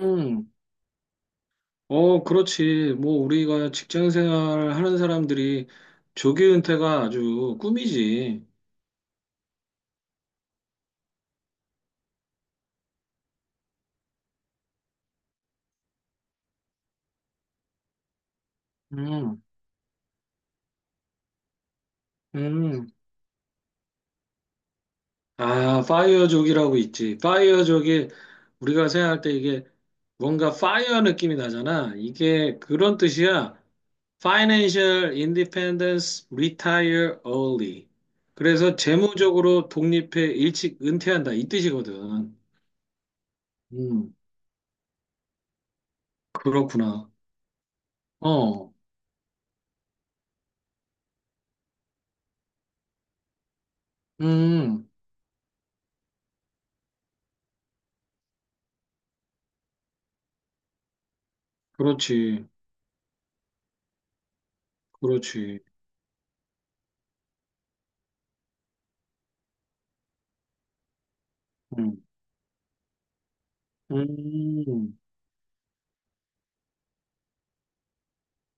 음, 그렇지. 뭐, 우리가 직장 생활 하는 사람들이 조기 은퇴가 아주 꿈이지. 음, 음. 아, 파이어족이라고 있지. 파이어족이 우리가 생각할 때 이게 뭔가 파이어 느낌이 나잖아. 이게 그런 뜻이야. Financial Independence Retire Early. 그래서 재무적으로 독립해 일찍 은퇴한다. 이 뜻이거든. 음, 그렇구나. 어, 음, 그렇지. 그렇지. 음, 음,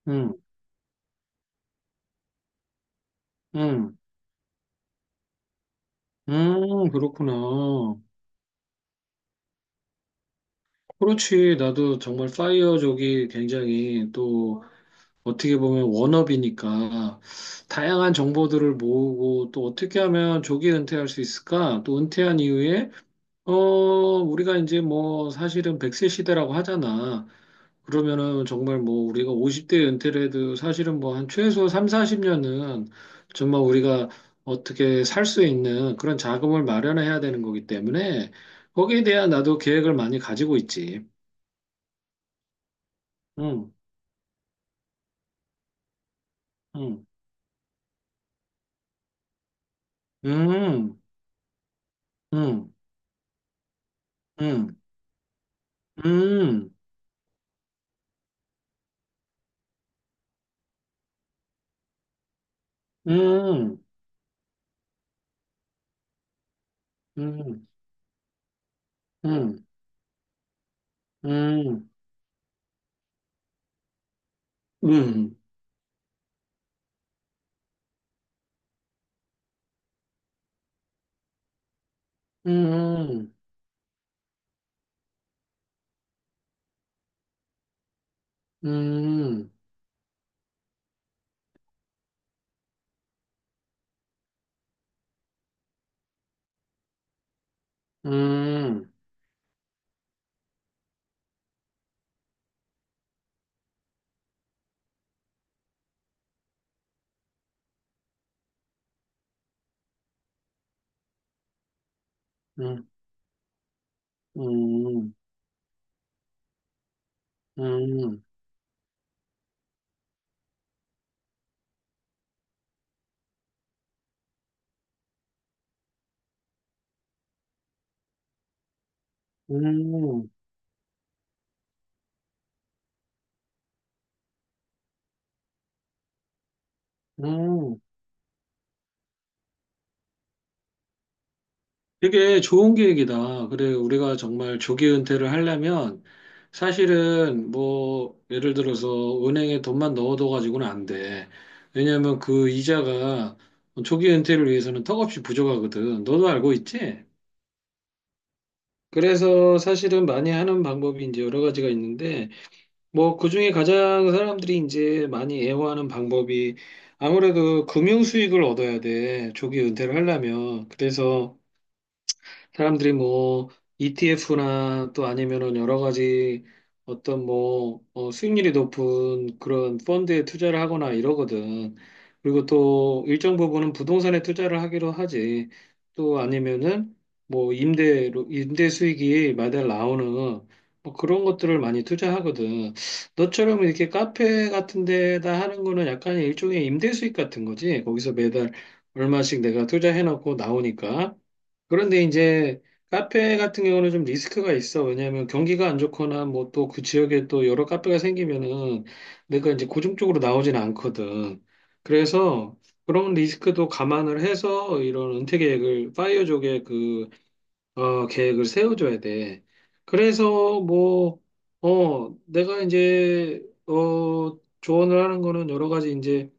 음, 음, 그렇구나. 그렇지. 나도 정말 파이어 족이 굉장히 또 어떻게 보면 워너비니까 다양한 정보들을 모으고 또 어떻게 하면 조기 은퇴할 수 있을까? 또 은퇴한 이후에, 어, 우리가 이제 뭐 사실은 백세 시대라고 하잖아. 그러면은 정말 뭐 우리가 50대 은퇴를 해도 사실은 뭐 한 최소 삼, 사십 년은 정말 우리가 어떻게 살 수 있는 그런 자금을 마련해야 되는 거기 때문에 거기에 대한 나도 계획을 많이 가지고 있지. 응, 응, 응, 응, 응, 응, 응, 응, 응, 응, 응, 응, 응, 응, 응, 응, 응, 응, 응, 응, 응, 되게 좋은 계획이다. 그래, 우리가 정말 조기 은퇴를 하려면 사실은 뭐 예를 들어서 은행에 돈만 넣어둬 가지고는 안 돼. 왜냐하면 그 이자가 조기 은퇴를 위해서는 턱없이 부족하거든. 너도 알고 있지? 그래서 사실은 많이 하는 방법이 이제 여러 가지가 있는데 뭐 그중에 가장 사람들이 이제 많이 애호하는 방법이 아무래도 금융 수익을 얻어야 돼. 조기 은퇴를 하려면. 그래서 사람들이 뭐 ETF나 또 아니면은 여러 가지 어떤 뭐 수익률이 높은 그런 펀드에 투자를 하거나 이러거든. 그리고 또 일정 부분은 부동산에 투자를 하기로 하지. 또 아니면은 뭐 임대로 임대 수익이 매달 나오는 뭐 그런 것들을 많이 투자하거든. 너처럼 이렇게 카페 같은 데다 하는 거는 약간 일종의 임대 수익 같은 거지. 거기서 매달 얼마씩 내가 투자해 놓고 나오니까. 그런데 이제 카페 같은 경우는 좀 리스크가 있어. 왜냐하면 경기가 안 좋거나 뭐 또 그 지역에 또 여러 카페가 생기면은 내가 이제 고정적으로 나오진 않거든. 그래서 그런 리스크도 감안을 해서 이런 은퇴 계획을, 파이어족의 그, 계획을 세워줘야 돼. 그래서 뭐, 내가 이제, 어, 조언을 하는 거는 여러 가지 이제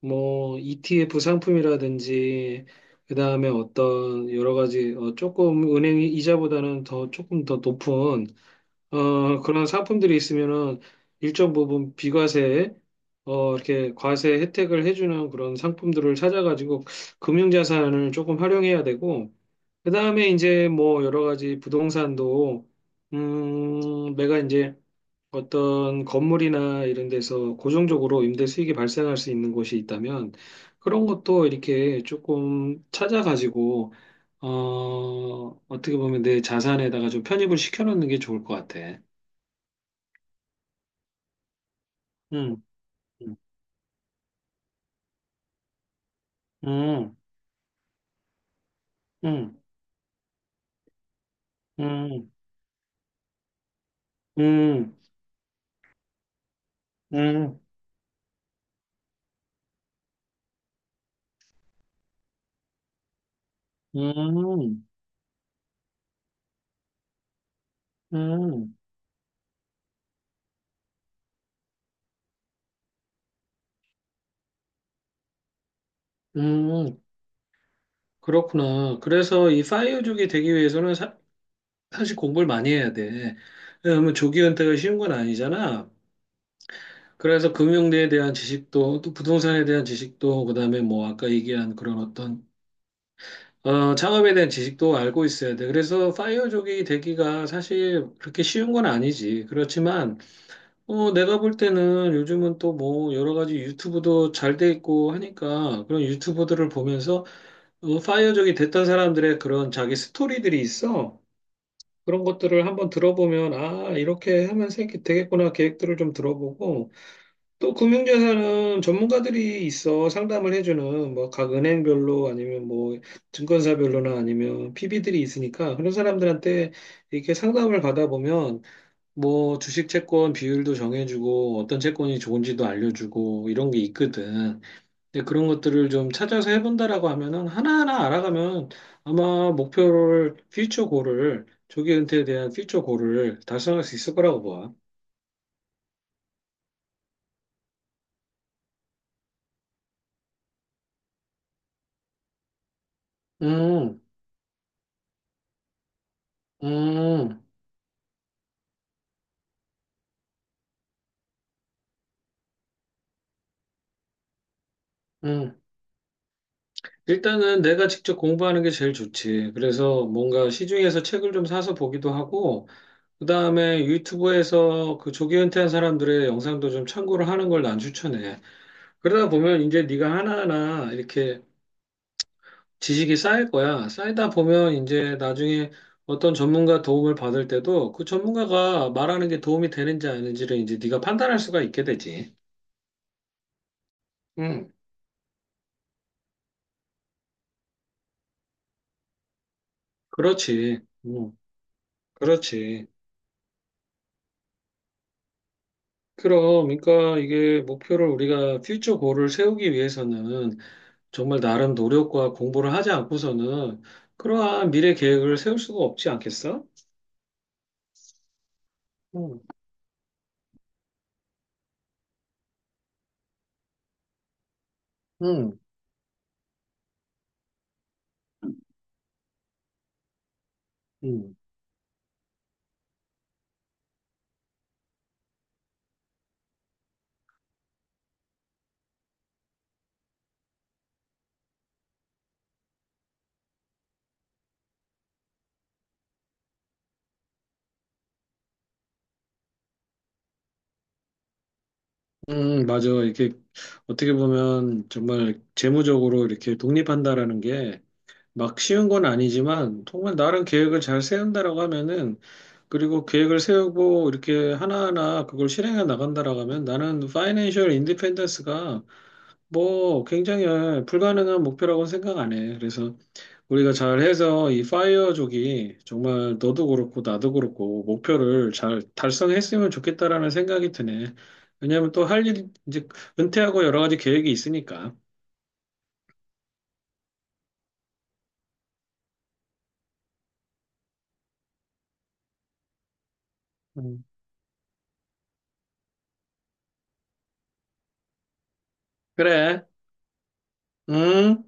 뭐 ETF 상품이라든지 그다음에 어떤 여러 가지 조금 은행 이자보다는 더 조금 더 높은 그런 상품들이 있으면은 일정 부분 비과세 이렇게 과세 혜택을 해주는 그런 상품들을 찾아가지고 금융자산을 조금 활용해야 되고 그다음에 이제 뭐 여러 가지 부동산도 내가 이제 어떤 건물이나 이런 데서 고정적으로 임대 수익이 발생할 수 있는 곳이 있다면 그런 것도 이렇게 조금 찾아가지고 어, 어떻게 보면 내 자산에다가 좀 편입을 시켜놓는 게 좋을 것 같아. 음, 음, 음, 음, 음, 음, 음, 음, 음, 음. 그렇구나. 그래서 이 파이어족이 되기 위해서는 사실 공부를 많이 해야 돼. 왜냐면 조기 은퇴가 쉬운 건 아니잖아. 그래서 금융에 대한 지식도, 또 부동산에 대한 지식도, 그다음에 뭐 아까 얘기한 그런 어떤 창업에 대한 지식도 알고 있어야 돼. 그래서 파이어족이 되기가 사실 그렇게 쉬운 건 아니지. 그렇지만 내가 볼 때는 요즘은 또 뭐 여러 가지 유튜브도 잘 돼 있고 하니까 그런 유튜브들을 보면서 파이어족이 됐던 사람들의 그런 자기 스토리들이 있어. 그런 것들을 한번 들어보면 아, 이렇게 하면 생기 되겠구나 계획들을 좀 들어보고 또 금융자산은 전문가들이 있어 상담을 해주는 뭐 각 은행별로 아니면 뭐 증권사별로나 아니면 PB들이 있으니까 그런 사람들한테 이렇게 상담을 받아보면 뭐 주식 채권 비율도 정해주고 어떤 채권이 좋은지도 알려주고 이런 게 있거든. 근데 그런 것들을 좀 찾아서 해본다라고 하면은 하나하나 알아가면 아마 목표를 퓨처 골을 조기 은퇴에 대한 퓨처 골을 달성할 수 있을 거라고 봐. 음, 음, 음. 일단은 내가 직접 공부하는 게 제일 좋지. 그래서 뭔가 시중에서 책을 좀 사서 보기도 하고, 그 다음에 유튜브에서 그 조기 은퇴한 사람들의 영상도 좀 참고를 하는 걸 난 추천해. 그러다 보면 이제 네가 하나하나 이렇게 지식이 쌓일 거야. 쌓이다 보면 이제 나중에 어떤 전문가 도움을 받을 때도 그 전문가가 말하는 게 도움이 되는지 아닌지를 이제 네가 판단할 수가 있게 되지. 응, 그렇지. 응, 그렇지. 그럼, 그러니까 이게 목표를 우리가 퓨처 골을 세우기 위해서는 정말 나름 노력과 공부를 하지 않고서는 그러한 미래 계획을 세울 수가 없지 않겠어? 음, 음, 음, 맞아. 이렇게 어떻게 보면 정말 재무적으로 이렇게 독립한다라는 게 막 쉬운 건 아니지만 정말 나름 계획을 잘 세운다라고 하면은 그리고 계획을 세우고 이렇게 하나하나 그걸 실행해 나간다라고 하면 나는 파이낸셜 인디펜던스가 뭐 굉장히 불가능한 목표라고 생각 안 해. 그래서 우리가 잘해서 이 파이어족이 정말 너도 그렇고 나도 그렇고 목표를 잘 달성했으면 좋겠다라는 생각이 드네. 왜냐하면 또 할 일 이제 은퇴하고 여러 가지 계획이 있으니까. 음. 그래. 응?